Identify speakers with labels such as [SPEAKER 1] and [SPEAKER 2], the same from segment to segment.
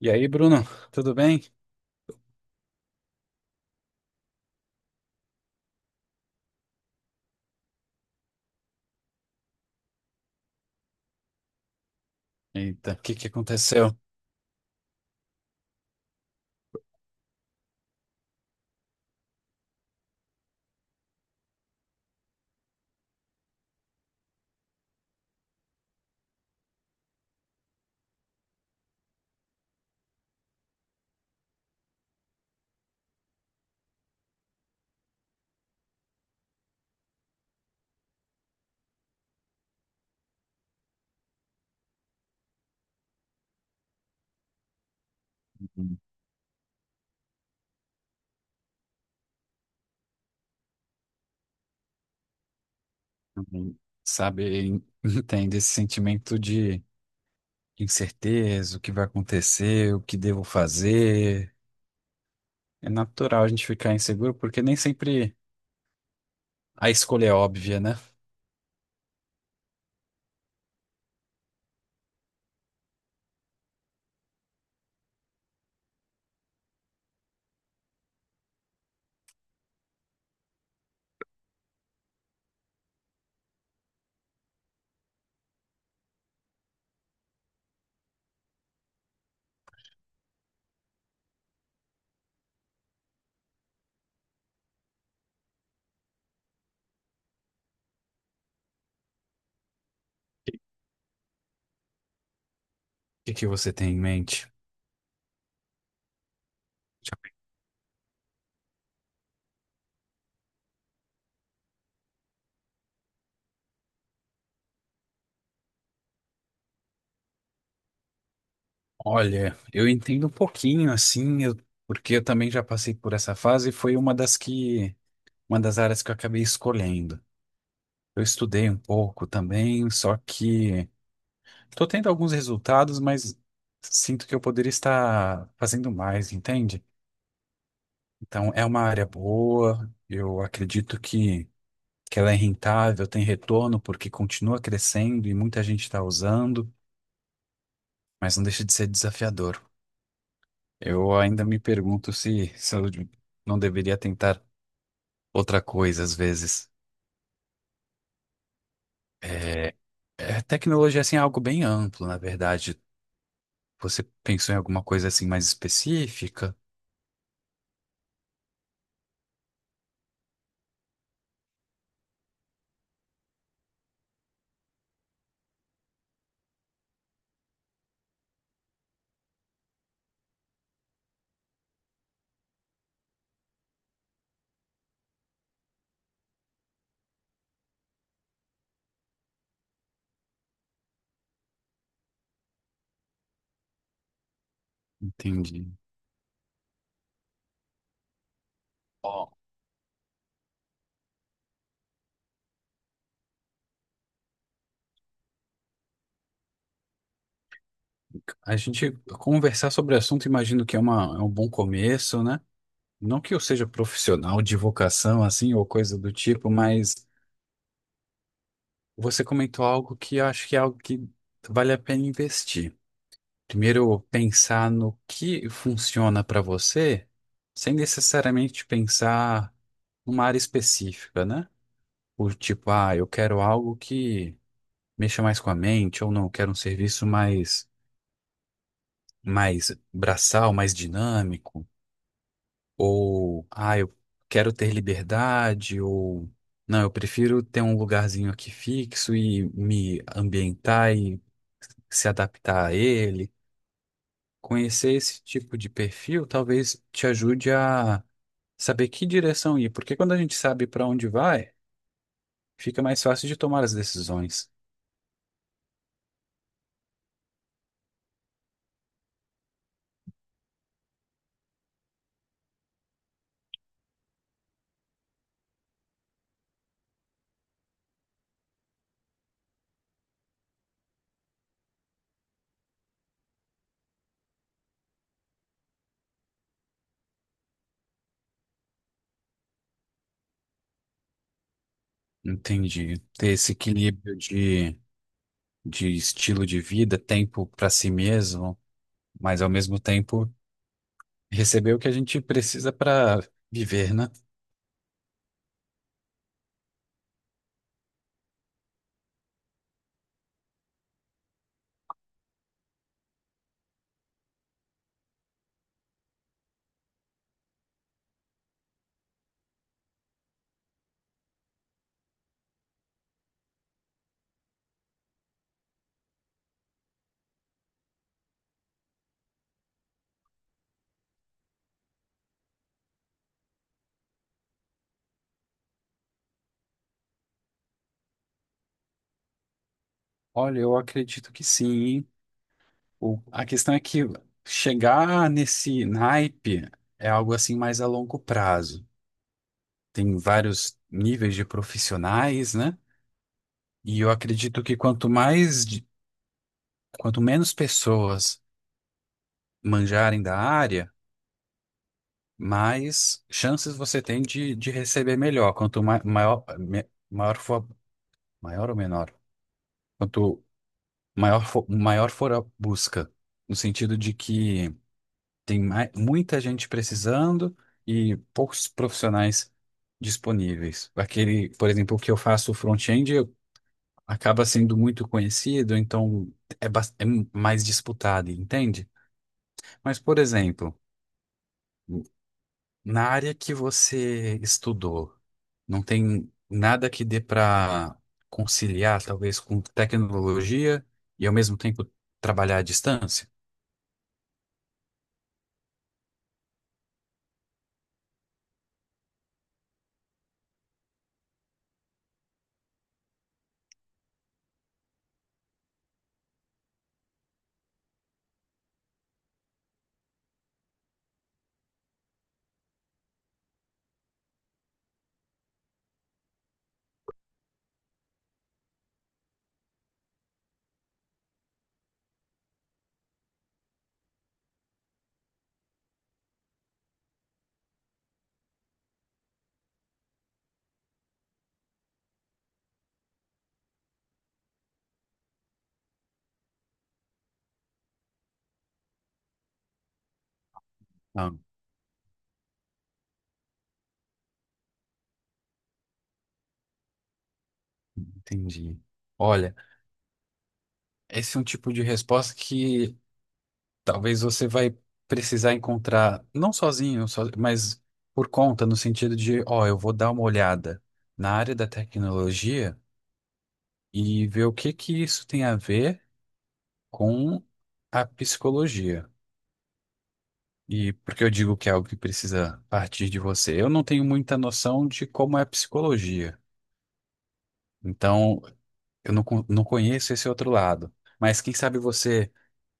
[SPEAKER 1] E aí, Bruno, tudo bem? Eita, o que que aconteceu? Hum. Sabe, entende esse sentimento de incerteza, o que vai acontecer, o que devo fazer. É natural a gente ficar inseguro, porque nem sempre a escolha é óbvia, né? O que que você tem em mente? Olha, eu entendo um pouquinho, assim, porque eu também já passei por essa fase e foi uma uma das áreas que eu acabei escolhendo. Eu estudei um pouco também, só que estou tendo alguns resultados, mas sinto que eu poderia estar fazendo mais, entende? Então, é uma área boa, eu que ela é rentável, tem retorno, porque continua crescendo e muita gente está usando, mas não deixa de ser desafiador. Eu ainda me pergunto se eu não deveria tentar outra coisa às vezes. É, tecnologia assim, é algo bem amplo, na verdade. Você pensou em alguma coisa assim mais específica? Entendi. A gente conversar sobre o assunto, imagino que é um bom começo, né? Não que eu seja profissional de vocação, assim, ou coisa do tipo, mas você comentou algo que eu acho que é algo que vale a pena investir. Primeiro, pensar no que funciona para você, sem necessariamente pensar numa área específica, né? O tipo, ah, eu quero algo que mexa mais com a mente, ou não, eu quero um serviço mais braçal, mais dinâmico. Ou, ah, eu quero ter liberdade, ou, não, eu prefiro ter um lugarzinho aqui fixo e me ambientar e se adaptar a ele. Conhecer esse tipo de perfil talvez te ajude a saber que direção ir, porque quando a gente sabe para onde vai, fica mais fácil de tomar as decisões. Entendi. Ter esse equilíbrio de estilo de vida, tempo para si mesmo, mas ao mesmo tempo. Receber o que a gente precisa para viver, né? Olha, eu acredito que sim, hein? A questão é que chegar nesse naipe é algo assim mais a longo prazo. Tem vários níveis de profissionais, né? E eu acredito que quanto quanto menos pessoas manjarem da área, mais chances você tem de receber melhor. Quanto maior for, maior ou menor? Quanto maior for a busca, no sentido de que tem muita gente precisando e poucos profissionais disponíveis. Aquele, por exemplo, que eu faço front-end acaba sendo muito conhecido, então é mais disputado, entende? Mas, por exemplo, na área que você estudou, não tem nada que dê para conciliar, talvez, com tecnologia e ao mesmo tempo trabalhar à distância? Entendi. Olha, esse é um tipo de resposta que talvez você vai precisar encontrar, não sozinho, mas por conta, no sentido de, ó, eu vou dar uma olhada na área da tecnologia e ver o que que isso tem a ver com a psicologia. E porque eu digo que é algo que precisa partir de você. Eu não tenho muita noção de como é a psicologia. Então, Eu não, con- não conheço esse outro lado, mas quem sabe você,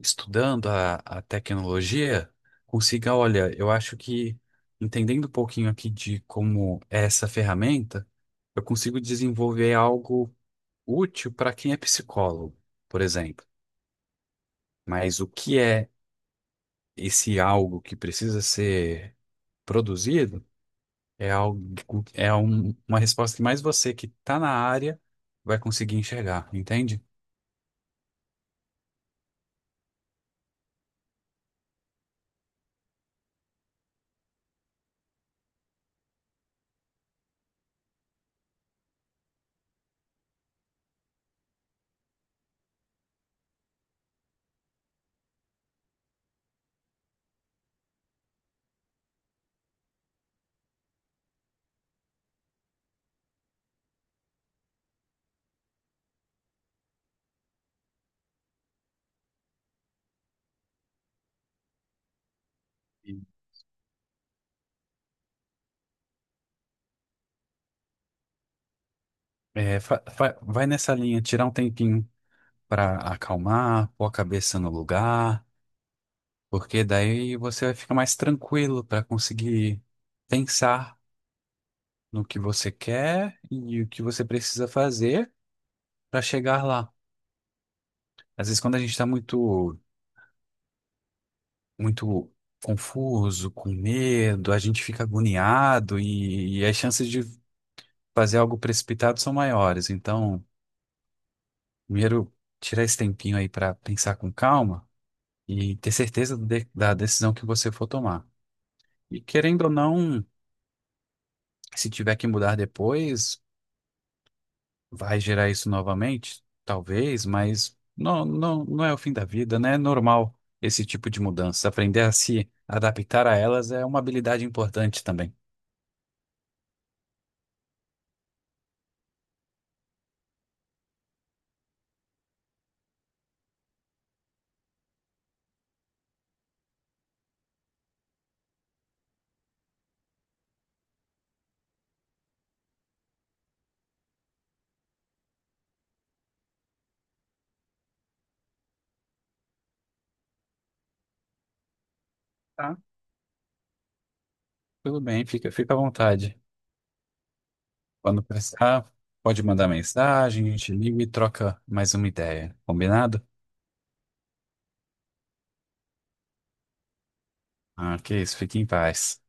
[SPEAKER 1] estudando a tecnologia, consiga, olha, eu acho que entendendo um pouquinho aqui de como é essa ferramenta, eu consigo desenvolver algo útil para quem é psicólogo, por exemplo. Mas o que é esse algo que precisa ser produzido é algo, é uma resposta que mais você que está na área vai conseguir enxergar, entende? É, vai nessa linha, tirar um tempinho para acalmar, pôr a cabeça no lugar, porque daí você vai ficar mais tranquilo para conseguir pensar no que você quer e o que você precisa fazer para chegar lá. Às vezes, quando a gente está muito confuso, com medo, a gente fica agoniado e as chances de fazer algo precipitado são maiores. Então, primeiro, tirar esse tempinho aí para pensar com calma e ter certeza da decisão que você for tomar. E querendo ou não, se tiver que mudar depois, vai gerar isso novamente? Talvez, mas não, não, não é o fim da vida, né? É normal esse tipo de mudança. Aprender a se adaptar a elas é uma habilidade importante também. Tá, tudo bem, fica à vontade. Quando precisar, pode mandar mensagem, a gente liga e troca mais uma ideia. Combinado? Ah, que isso, fique em paz.